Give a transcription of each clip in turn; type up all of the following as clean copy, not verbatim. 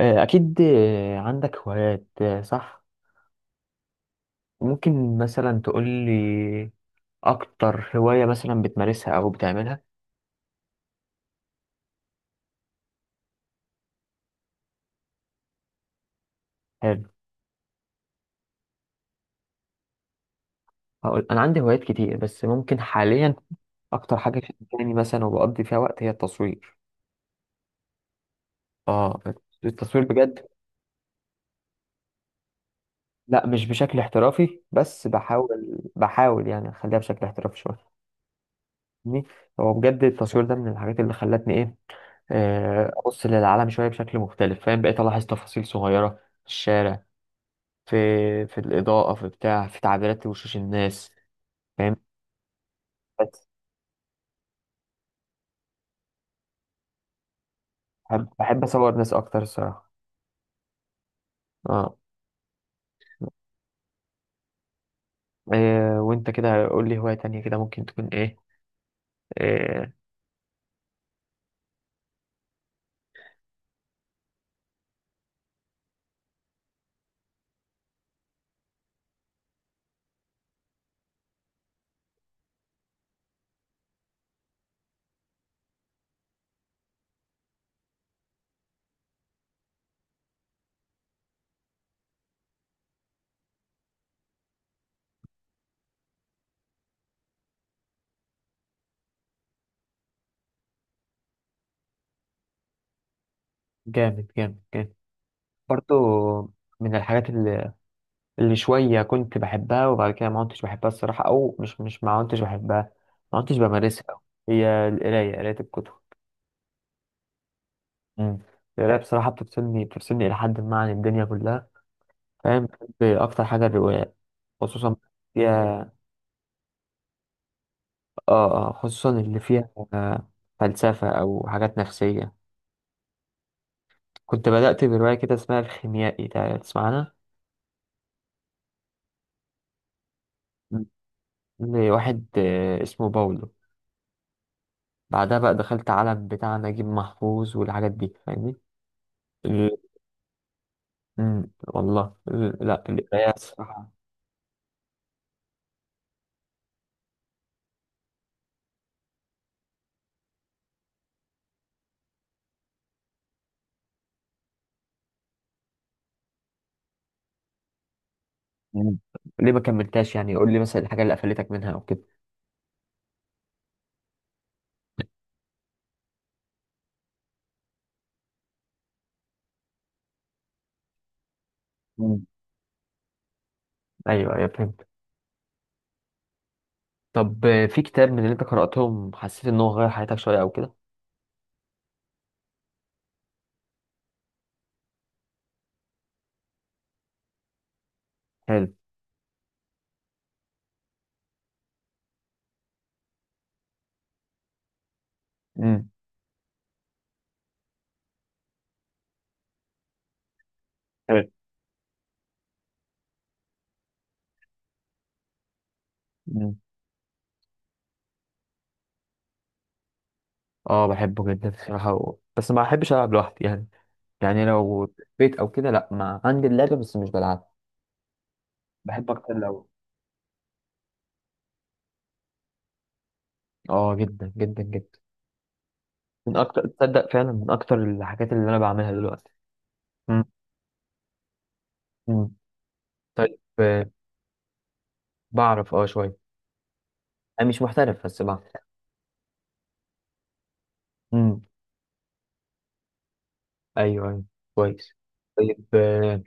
آه، أكيد آه، عندك هوايات صح؟ ممكن مثلا تقول لي أكتر هواية مثلا بتمارسها أو بتعملها؟ حلو. هقول أنا عندي هوايات كتير، بس ممكن حاليا أكتر حاجة شغلاني مثلا وبقضي فيها وقت هي التصوير. آه، التصوير بجد. لا، مش بشكل احترافي، بس بحاول يعني أخليها بشكل احترافي شوية. فاهمني؟ هو بجد التصوير ده من الحاجات اللي خلتني إيه آه، أبص للعالم شوية بشكل مختلف. فاهم؟ بقيت ألاحظ تفاصيل صغيرة في الشارع، في في الإضاءة، في بتاع، في تعبيرات وشوش الناس. فاهم؟ بس بحب أصور ناس أكتر الصراحة. اه. إيه وأنت كده قول لي هواية تانية كده ممكن تكون إيه؟ جامد جامد جامد. برضو من الحاجات اللي شوية كنت بحبها وبعد كده ما كنتش بحبها الصراحة، أو مش ما كنتش بحبها، ما كنتش بمارسها أوي، هي القراية، قراية الكتب. مم. القراية بصراحة بتفصلني إلى حد ما عن الدنيا كلها. فاهم؟ بحب أكتر حاجة الروايات، خصوصا فيها. اه اه، خصوصا اللي فيها فلسفة أو حاجات نفسية. كنت بدأت برواية كده اسمها الخيميائي، تسمع عنها؟ مم. لواحد اسمه باولو. بعدها بقى دخلت عالم بتاع نجيب محفوظ والحاجات دي، فاهمني؟ ال... مم، والله ال... لا، القراية الصراحة. مم. ليه ما كملتهاش؟ يعني قول لي مثلا الحاجة اللي قفلتك منها أو كده. مم. أيوه أيوه، فهمت. طب في كتاب من اللي أنت قرأتهم حسيت إن هو غير حياتك شوية أو كده؟ حلو. مم. حلو. اه، بحبه جدا الصراحة، و... بس ما بحبش ألعب لوحدي يعني. يعني لو في البيت أو كده، لأ، ما عندي اللعبة بس مش بلعبها. بحب أكتر لو اه، جدا جدا جدا. من أكتر، تصدق، فعلا من أكتر الحاجات اللي أنا بعملها دلوقتي. مم. مم. طيب بعرف اه شوية. أنا مش محترف بس بعرف. مم. أيوه أيوه، كويس. طيب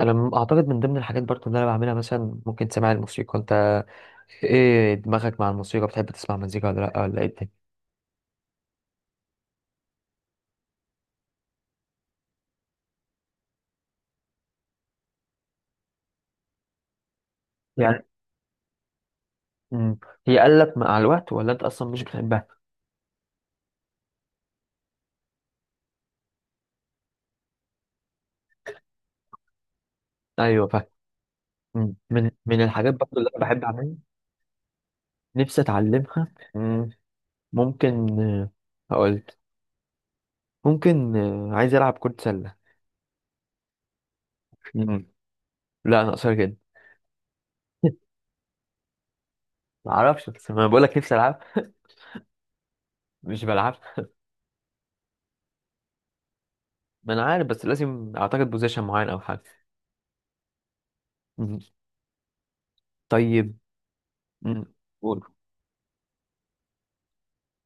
أنا أعتقد من ضمن الحاجات برضو اللي أنا بعملها مثلا، ممكن تسمع الموسيقى أنت؟ إيه دماغك مع الموسيقى؟ بتحب تسمع مزيكا ولا لأ، ولا إيه الدنيا؟ مم. هي قلت مع الوقت ولا انت اصلا مش بتحبها؟ ايوه فاهم. مم. من الحاجات برضه اللي انا بحب اعملها. نفسي اتعلمها. مم. ممكن هقولك. ممكن عايز العب كرة سلة. مم. لا، انا قصير جدا. ما اعرفش، بس ما بقول لك نفسي العب؟ مش بلعبش. ما انا عارف، بس لازم اعتقد بوزيشن معين او حاجه. مم. طيب. مم. قول.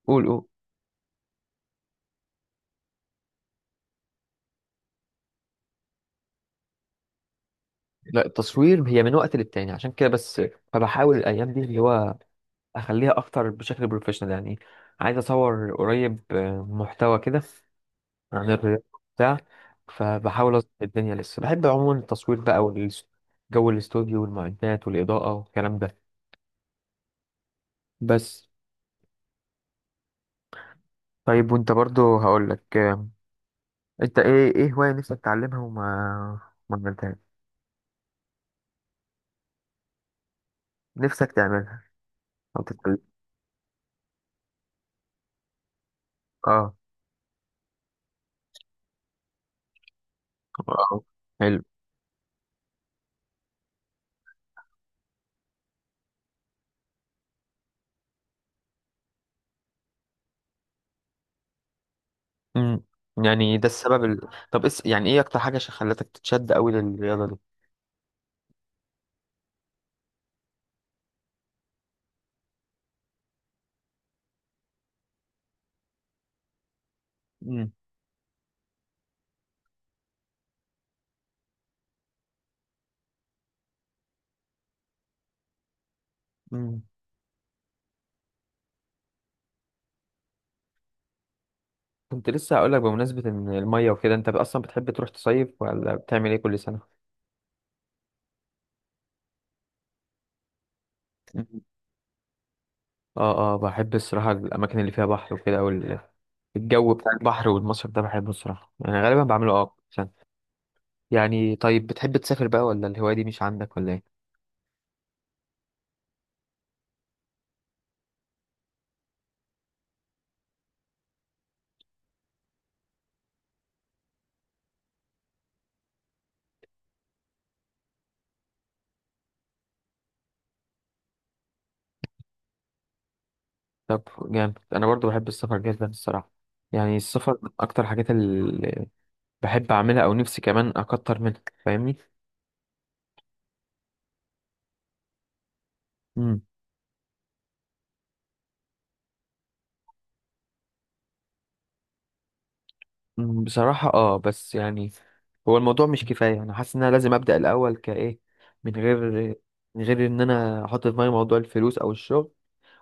قول قول. لا، التصوير هي من وقت للتاني عشان كده بس. فبحاول الايام دي اللي هو اخليها اكتر بشكل بروفيشنال يعني. عايز اصور قريب محتوى كده عن الرياضه، بتاع. فبحاول اظبط الدنيا. لسه بحب عموما التصوير بقى، والجو الاستوديو والمعدات والاضاءه والكلام ده، بس. طيب وانت برضو هقولك انت ايه هوايه نفسك تتعلمها وما ما عملتهاش؟ نفسك تعملها او تتعلم؟ اه. آه. حلو. امم، يعني ده السبب يعني ايه اكتر حاجه عشان خلتك تتشد قوي للرياضه دي؟ امم. كنت لسه هقول لك، بمناسبة ان المية وكده، انت اصلا بتحب تروح تصيف ولا بتعمل ايه كل سنة؟ مم. اه اه، بحب الصراحة الاماكن اللي فيها بحر وكده، الجو بتاع البحر والمصيف ده بحبه الصراحة يعني، غالبا بعمله اه عشان. يعني طيب بتحب تسافر بقى، ولا الهواية دي مش عندك ولا ايه؟ طب جامد، انا برضو بحب السفر جدا الصراحة. يعني السفر من اكتر حاجات اللي بحب اعملها او نفسي كمان اكتر منها. فاهمني؟ مم، بصراحة اه بس يعني، هو الموضوع مش كفاية. انا حاسس ان انا لازم ابدأ الاول كايه، من غير من غير ان انا احط في دماغي موضوع الفلوس او الشغل،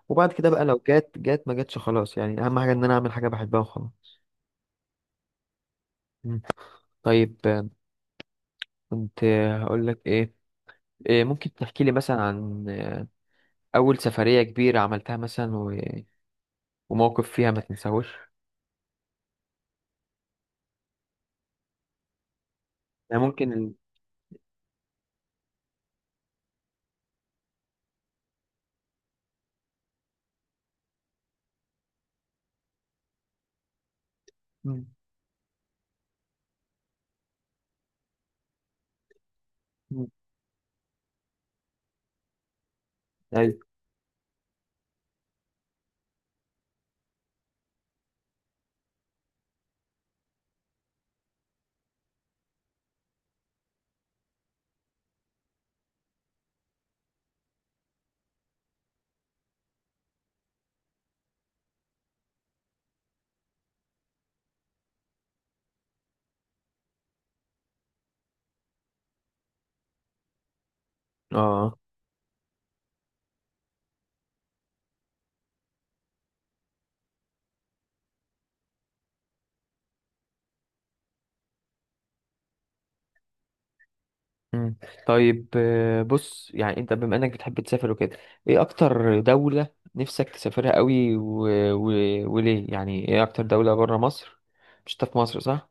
وبعد كده بقى لو جات ما جاتش خلاص، يعني اهم حاجة ان انا اعمل حاجة بحبها وخلاص. مم. طيب كنت هقول لك ايه، إيه، ممكن تحكي لي مثلا عن اول سفرية كبيرة عملتها مثلا و... وموقف فيها ما تنساهوش. يعني ممكن ال... مم، مم، ايوه. اه. مم. طيب بص يعني، انت بما انك بتحب تسافر وكده، ايه اكتر دولة نفسك تسافرها قوي و... و... وليه؟ يعني ايه اكتر دولة بره مصر؟ مش انت في مصر، صح؟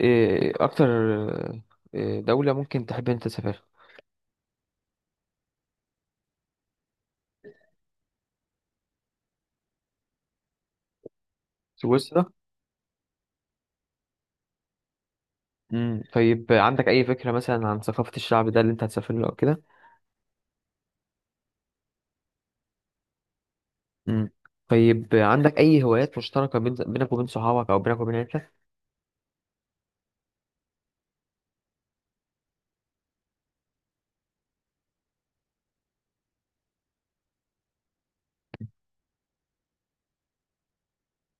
ايه اكتر دولة ممكن تحب انت تسافرها؟ سويسرا. مم. طيب عندك اي فكرة مثلا عن ثقافة الشعب ده اللي انت هتسافر له او كده؟ مم. طيب عندك اي هوايات مشتركة بين... بينك وبين صحابك او بينك وبين عيلتك؟